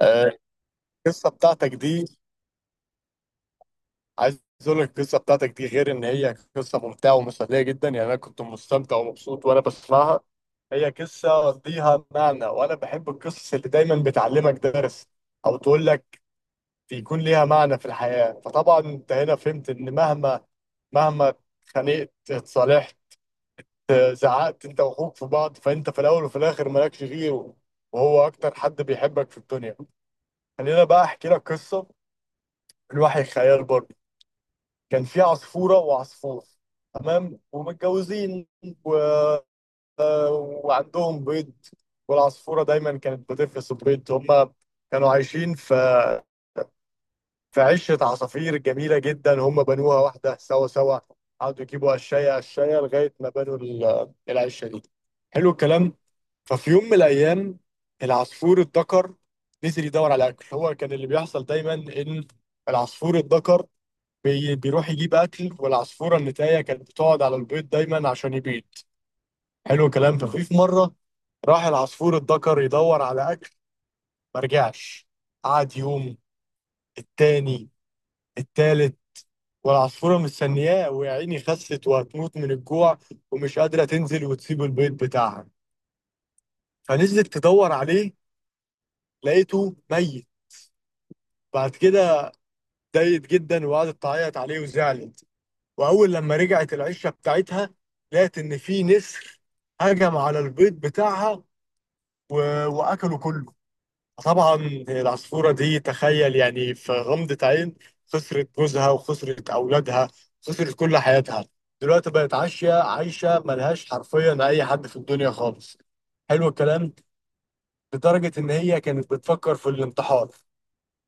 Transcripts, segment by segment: آه، القصه بتاعتك دي، عايز اقول لك القصه بتاعتك دي غير ان هي قصه ممتعه ومسليه جدا، يعني انا كنت مستمتع ومبسوط وانا بسمعها. هي قصه ليها معنى، وانا بحب القصص اللي دايما بتعلمك درس او تقول لك، يكون ليها معنى في الحياه. فطبعا انت هنا فهمت ان مهما اتخانقت اتصالحت، زعقت انت واخوك في بعض، فانت في الاول وفي الاخر مالكش غيره، وهو اكتر حد بيحبك في الدنيا. خلينا بقى احكي لك قصه من وحي الخيال برضه. كان في عصفورة وعصفور، تمام، ومتجوزين، و... آه، وعندهم بيض، والعصفورة دايما كانت بتفرس البيض. هم كانوا عايشين في عشة عصافير جميلة جدا، هم بنوها واحدة سوا سوا، قعدوا يجيبوا قشاية قشاية لغاية ما بنوا العشة دي. حلو الكلام. ففي يوم من الأيام، العصفور الذكر نزل يدور على أكل. هو كان اللي بيحصل دايما إن العصفور الذكر بيروح يجيب اكل، والعصفوره النتايه كانت بتقعد على البيض دايما عشان يبيض. حلو الكلام. ففي مره راح العصفور الذكر يدور على اكل، ما رجعش. قعد يوم، التاني، التالت، والعصفوره مستنياه، ويا عيني خست وهتموت من الجوع، ومش قادره تنزل وتسيب البيض بتاعها. فنزلت تدور عليه، لقيته ميت. بعد كده اتضايقت جدا وقعدت تعيط عليه وزعلت، واول لما رجعت العشه بتاعتها، لقت ان في نسر هجم على البيض بتاعها و... واكله كله. طبعا العصفوره دي، تخيل، يعني في غمضه عين خسرت جوزها وخسرت اولادها، خسرت كل حياتها. دلوقتي بقت عايشه ملهاش حرفيا اي حد في الدنيا خالص. حلو الكلام. لدرجه ان هي كانت بتفكر في الانتحار،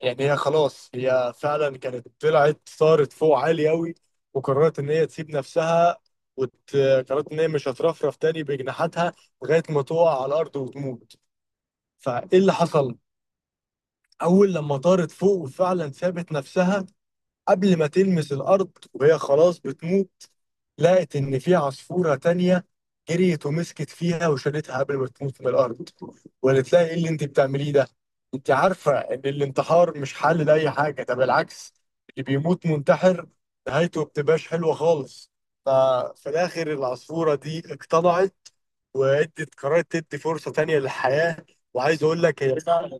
يعني هي خلاص، هي فعلا كانت طلعت صارت فوق عالي قوي، وقررت ان هي تسيب نفسها، وقررت ان هي مش هترفرف تاني بجناحاتها لغايه ما تقع على الارض وتموت. فايه اللي حصل؟ اول لما طارت فوق وفعلا سابت نفسها، قبل ما تلمس الارض وهي خلاص بتموت، لقت إن في عصفورة تانية جريت ومسكت فيها وشالتها قبل ما تموت من الأرض، وقالت لها إيه اللي أنت بتعمليه ده؟ أنت عارفة إن الانتحار مش حل لأي حاجة، ده بالعكس، اللي بيموت منتحر نهايته بتبقاش حلوة خالص. ففي الآخر العصفورة دي اقتنعت وادت، قررت تدي فرصة تانية للحياة، وعايز أقول لك هي فعلا.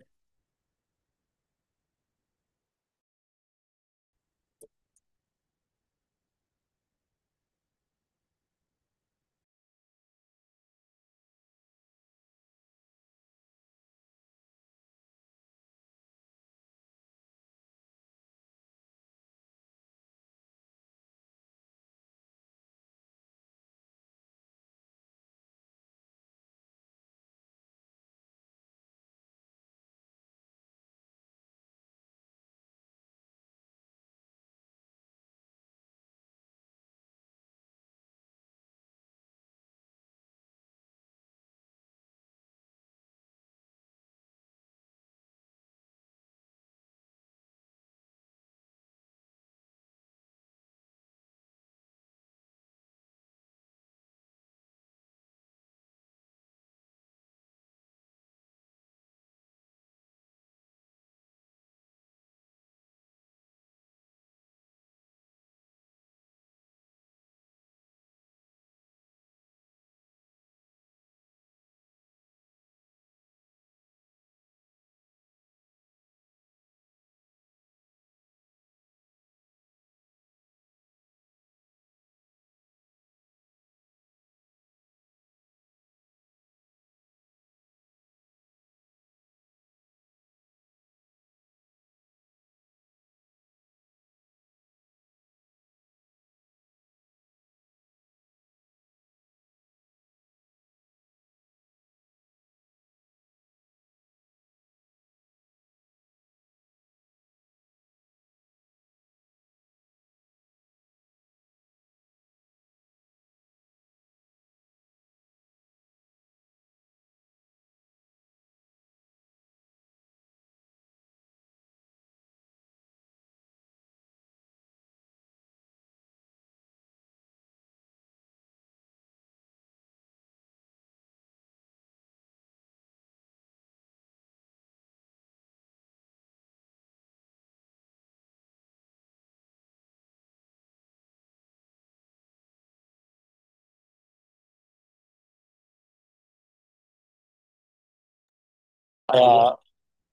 أنا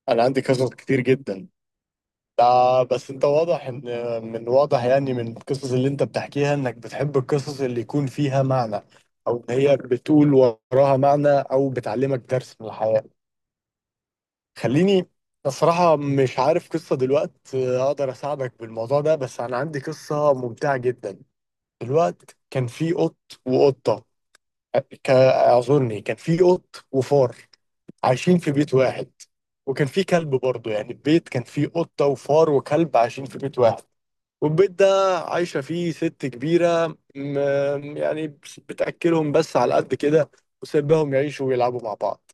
أنا عندي قصص كتير جدا، لا بس انت واضح ان، من واضح يعني من القصص اللي انت بتحكيها انك بتحب القصص اللي يكون فيها معنى، او ان هي بتقول وراها معنى او بتعلمك درس من الحياة. خليني، الصراحة مش عارف قصة دلوقت اقدر اساعدك بالموضوع ده، بس انا عندي قصة ممتعة جدا. الوقت كان في قط وقطة، اعذرني، كان في قط وفار عايشين في بيت واحد، وكان في كلب برضه. يعني البيت كان فيه قطة وفار وكلب عايشين في بيت واحد، والبيت ده عايشة فيه ست كبيرة، يعني بتأكلهم بس على قد كده، وسيبهم يعيشوا ويلعبوا مع بعض.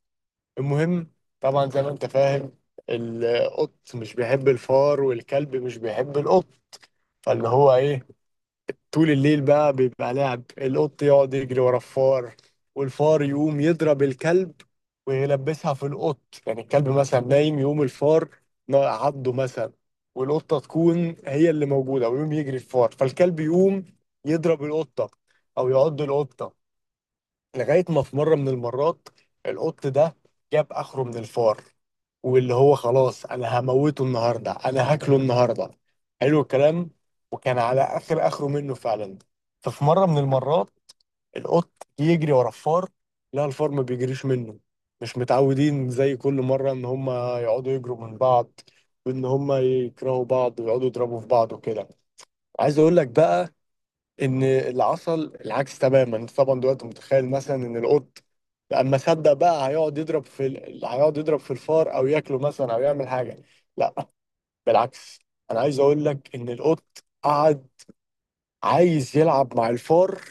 المهم، طبعا زي ما انت فاهم، القط مش بيحب الفار، والكلب مش بيحب القط. فاللي هو ايه؟ طول الليل بقى بيبقى لعب، القط يقعد يجري ورا الفار، والفار يقوم يضرب الكلب ويلبسها في القط. يعني الكلب مثلا نايم، يقوم الفار عضه مثلا، والقطة تكون هي اللي موجودة، ويقوم يجري الفار، فالكلب يقوم يضرب القطة أو يعض القطة. لغاية ما في مرة من المرات، القط ده جاب آخره من الفار، واللي هو خلاص أنا هموته النهاردة، أنا هاكله النهاردة. حلو الكلام. وكان على آخر آخره منه فعلا. ففي مرة من المرات، القط يجري ورا الفار، لا الفار ما بيجريش منه، مش متعودين زي كل مرة إن هما يقعدوا يجروا من بعض، وإن هما يكرهوا بعض ويقعدوا يضربوا في بعض وكده. عايز أقول لك بقى ان اللي حصل العكس تماما. انت طبعا دلوقتي متخيل مثلا ان القط اما صدق بقى هيقعد يضرب في الفار او ياكله مثلا او يعمل حاجه. لا، بالعكس، انا عايز اقول لك ان القط قعد عايز يلعب مع الفار،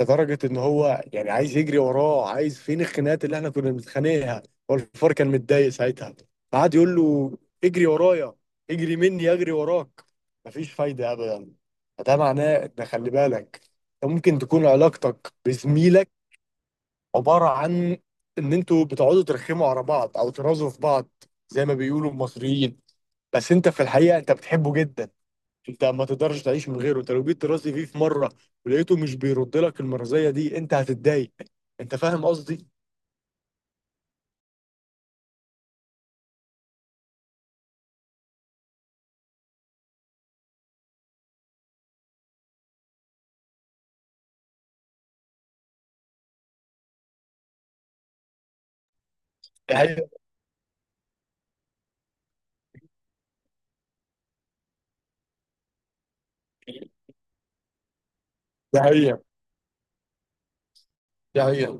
لدرجه ان هو يعني عايز يجري وراه، عايز فين الخناقات اللي احنا كنا بنتخانقها. هو الفار كان متضايق ساعتها، فقعد يقول له اجري ورايا، اجري مني، اجري وراك، مفيش فايده ابدا. فده معناه ان خلي بالك، انت ممكن تكون علاقتك بزميلك عباره عن ان انتوا بتقعدوا ترخموا على بعض او ترازوا في بعض، زي ما بيقولوا المصريين، بس انت في الحقيقه انت بتحبه جدا، انت ما تقدرش تعيش من غيره. انت لو جيت ترازي فيه في مره ولقيته مش بيرد لك المرضيه دي، انت هتتضايق. انت فاهم قصدي؟ ده هي، ده هي، ده هي.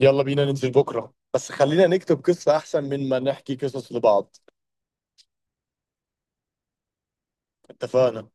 يلا بينا ننزل بكره، بس خلينا نكتب قصه احسن من ما نحكي قصص لبعض. اتفقنا.